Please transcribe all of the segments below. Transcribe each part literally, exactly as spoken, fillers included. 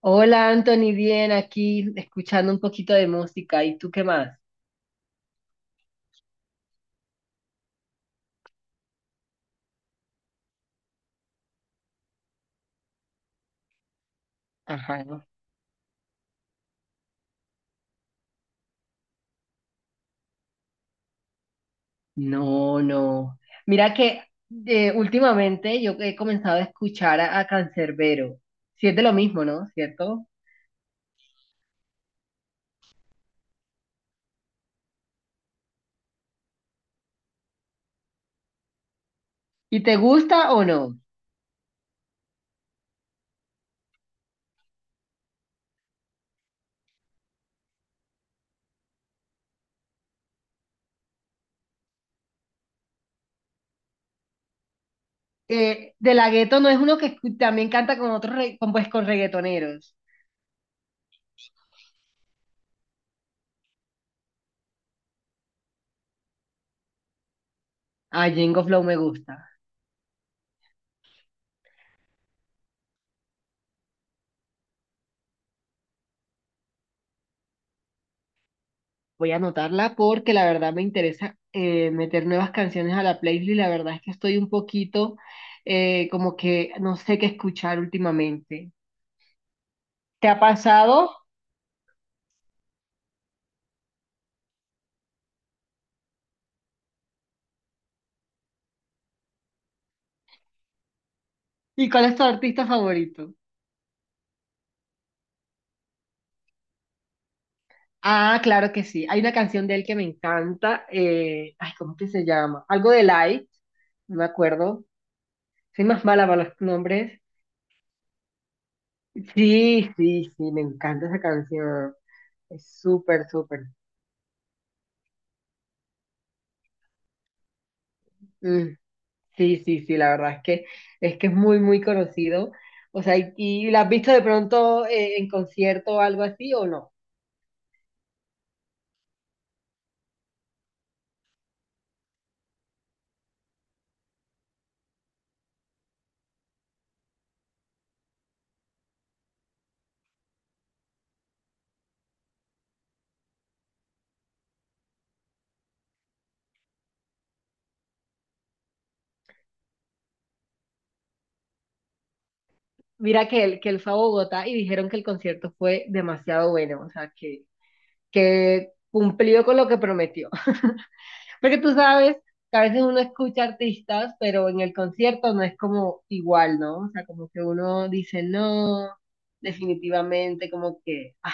Hola Anthony, bien aquí escuchando un poquito de música. ¿Y tú qué más? Ajá. No, no. Mira que eh, últimamente yo he comenzado a escuchar a, a Canserbero. Si es de lo mismo, ¿no? ¿Cierto? ¿Y te gusta o no? Eh, de la Gueto no es uno que escu- también canta con otros, re- con, pues con reggaetoneros. Ah, Jengo Flow me gusta. Voy a anotarla porque la verdad me interesa eh, meter nuevas canciones a la playlist. La verdad es que estoy un poquito eh, como que no sé qué escuchar últimamente. ¿Te ha pasado? ¿Y cuál es tu artista favorito? Ah, claro que sí. Hay una canción de él que me encanta. Eh, ay, ¿cómo que se llama? Algo de Light, no me acuerdo. Soy más mala para los nombres. Sí, sí, sí, me encanta esa canción. Es súper, súper. Mm. Sí, sí, sí, la verdad es que es que es muy, muy conocido. O sea, ¿y, y la has visto de pronto eh, en concierto o algo así o no? Mira que él, que él fue a Bogotá y dijeron que el concierto fue demasiado bueno, o sea, que, que cumplió con lo que prometió. Porque tú sabes que a veces uno escucha artistas, pero en el concierto no es como igual, ¿no? O sea, como que uno dice, no, definitivamente, como que, ah,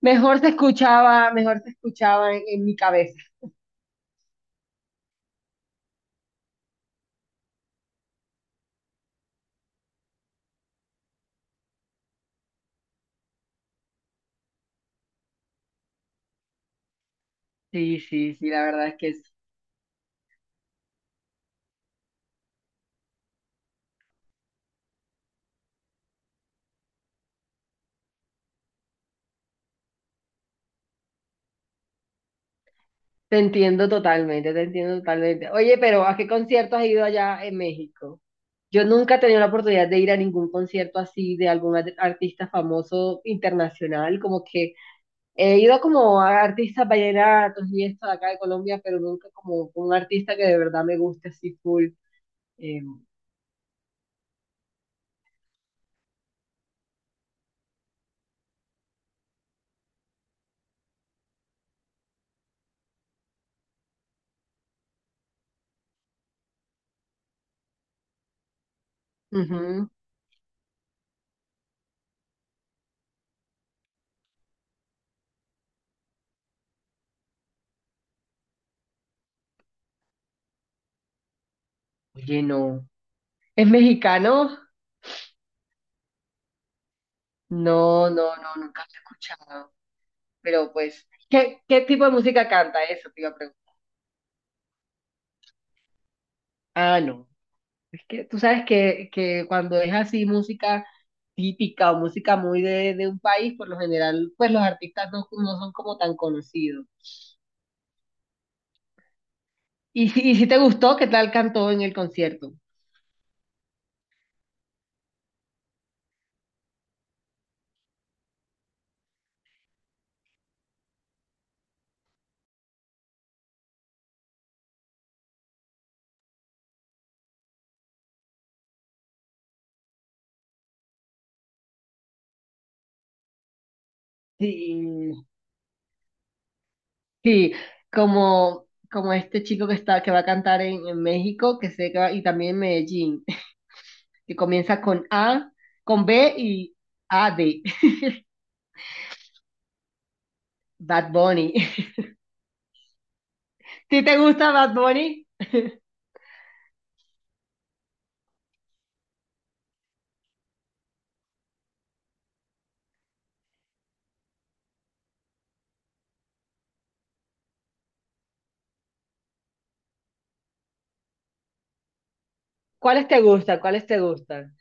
mejor se escuchaba, mejor se escuchaba en en mi cabeza. Sí, sí, sí, la verdad es que sí. Te entiendo totalmente, te entiendo totalmente. Oye, pero ¿a qué concierto has ido allá en México? Yo nunca he tenido la oportunidad de ir a ningún concierto así de algún art- artista famoso internacional, como que he ido como a artistas vallenatos y esto de acá de Colombia, pero nunca como un artista que de verdad me guste así full. Eh, ujú. Oye, no. ¿Es mexicano? No, no, no, nunca lo he escuchado. Pero pues, ¿qué, qué tipo de música canta eso? Te iba a preguntar. Ah, no. Es que tú sabes que, que cuando es así música típica o música muy de, de un país, por lo general, pues los artistas no, no son como tan conocidos. Y si, y si te gustó, ¿qué tal cantó en el concierto? Sí, sí, como, como este chico que está, que va a cantar en, en México, que sé que va- y también en Medellín, que comienza con A, con B y A de Bad Bunny. ¿Si te gusta Bad Bunny? ¿Cuáles te gustan? ¿Cuáles te gustan?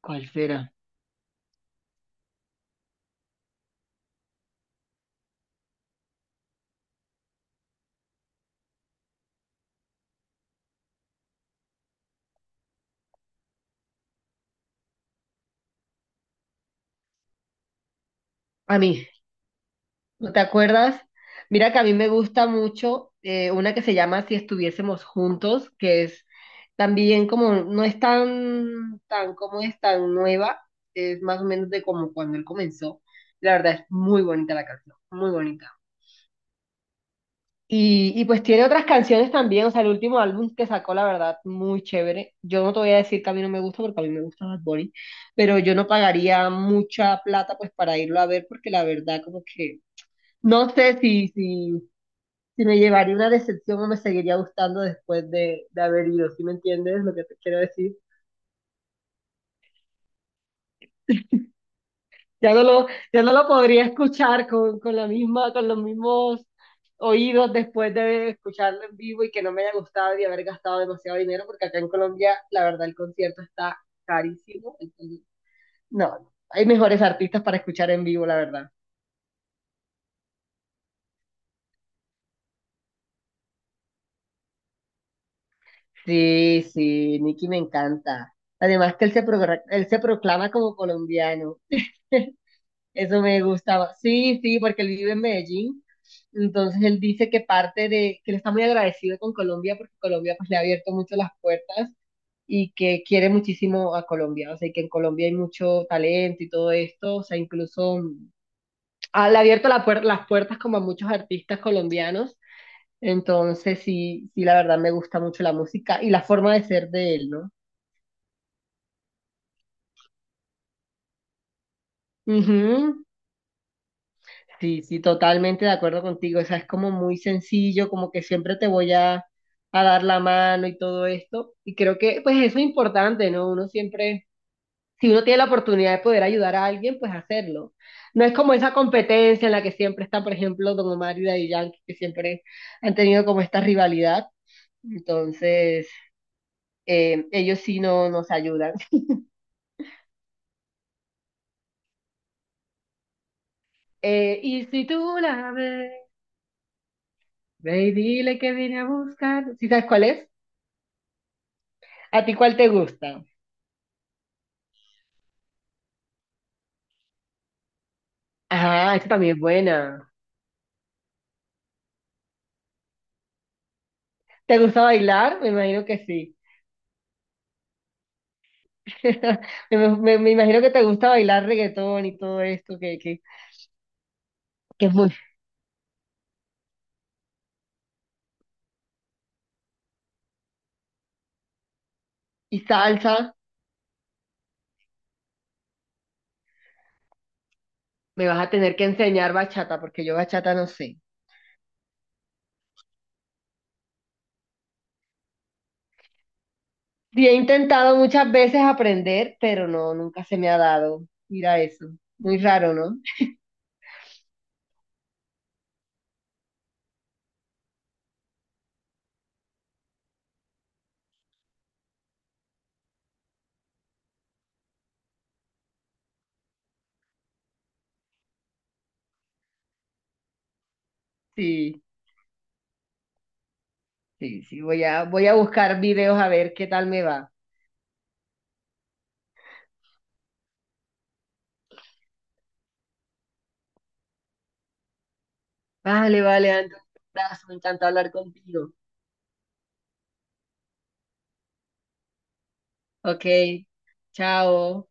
¿Cuál será? A mí, ¿no te acuerdas? Mira que a mí me gusta mucho eh, una que se llama Si estuviésemos juntos, que es también como, no es tan, tan, como es tan nueva, es más o menos de como cuando él comenzó. La verdad es muy bonita la canción, muy bonita. Y, y pues tiene otras canciones también, o sea, el último álbum que sacó, la verdad, muy chévere. Yo no te voy a decir que a mí no me gusta, porque a mí me gusta Bad Bunny, pero yo no pagaría mucha plata pues para irlo a ver, porque la verdad como que no sé si, si, si me llevaría una decepción o me seguiría gustando después de, de haber ido, ¿sí me entiendes lo que te quiero decir? Ya no lo, ya no lo podría escuchar con, con la misma, con los mismos oídos después de escucharlo en vivo y que no me haya gustado y haber gastado demasiado dinero, porque acá en Colombia, la verdad, el concierto está carísimo. Entonces, no, hay mejores artistas para escuchar en vivo, la verdad. Sí, sí, Nicky me encanta. Además que él se, progra- él se proclama como colombiano. Eso me gustaba. Sí, sí, porque él vive en Medellín. Entonces él dice que parte de, que él está muy agradecido con Colombia porque Colombia pues le ha abierto mucho las puertas y que quiere muchísimo a Colombia. O sea, y que en Colombia hay mucho talento y todo esto. O sea, incluso mm, ha- le ha abierto la puer- las puertas como a muchos artistas colombianos. Entonces sí, sí, la verdad me gusta mucho la música y la forma de ser de él, ¿no? Sí, sí, totalmente de acuerdo contigo. O sea, es como muy sencillo, como que siempre te voy a, a dar la mano y todo esto. Y creo que, pues, eso es importante, ¿no? Uno siempre, si uno tiene la oportunidad de poder ayudar a alguien, pues hacerlo. No es como esa competencia en la que siempre está, por ejemplo, Don Omar y Daddy Yankee, que siempre han tenido como esta rivalidad. Entonces, eh, ellos sí no nos ayudan. Eh, y si tú la ves, ve y dile que vine a buscar. ¿Sí sabes cuál es? ¿A ti cuál te gusta? Ah, esta también es buena. ¿Te gusta bailar? Me imagino que sí. Me, me- me imagino que te gusta bailar reggaetón y todo esto, que, que, que es muy... Y salsa, me vas a tener que enseñar bachata, porque yo bachata no sé. Sí, he intentado muchas veces aprender, pero no, nunca se me ha dado. Mira eso. Muy raro, ¿no? Sí, sí, sí. Voy a, voy a buscar videos a ver qué tal me va. Vale, vale, Andrés. Un abrazo, me encanta hablar contigo. Ok, chao.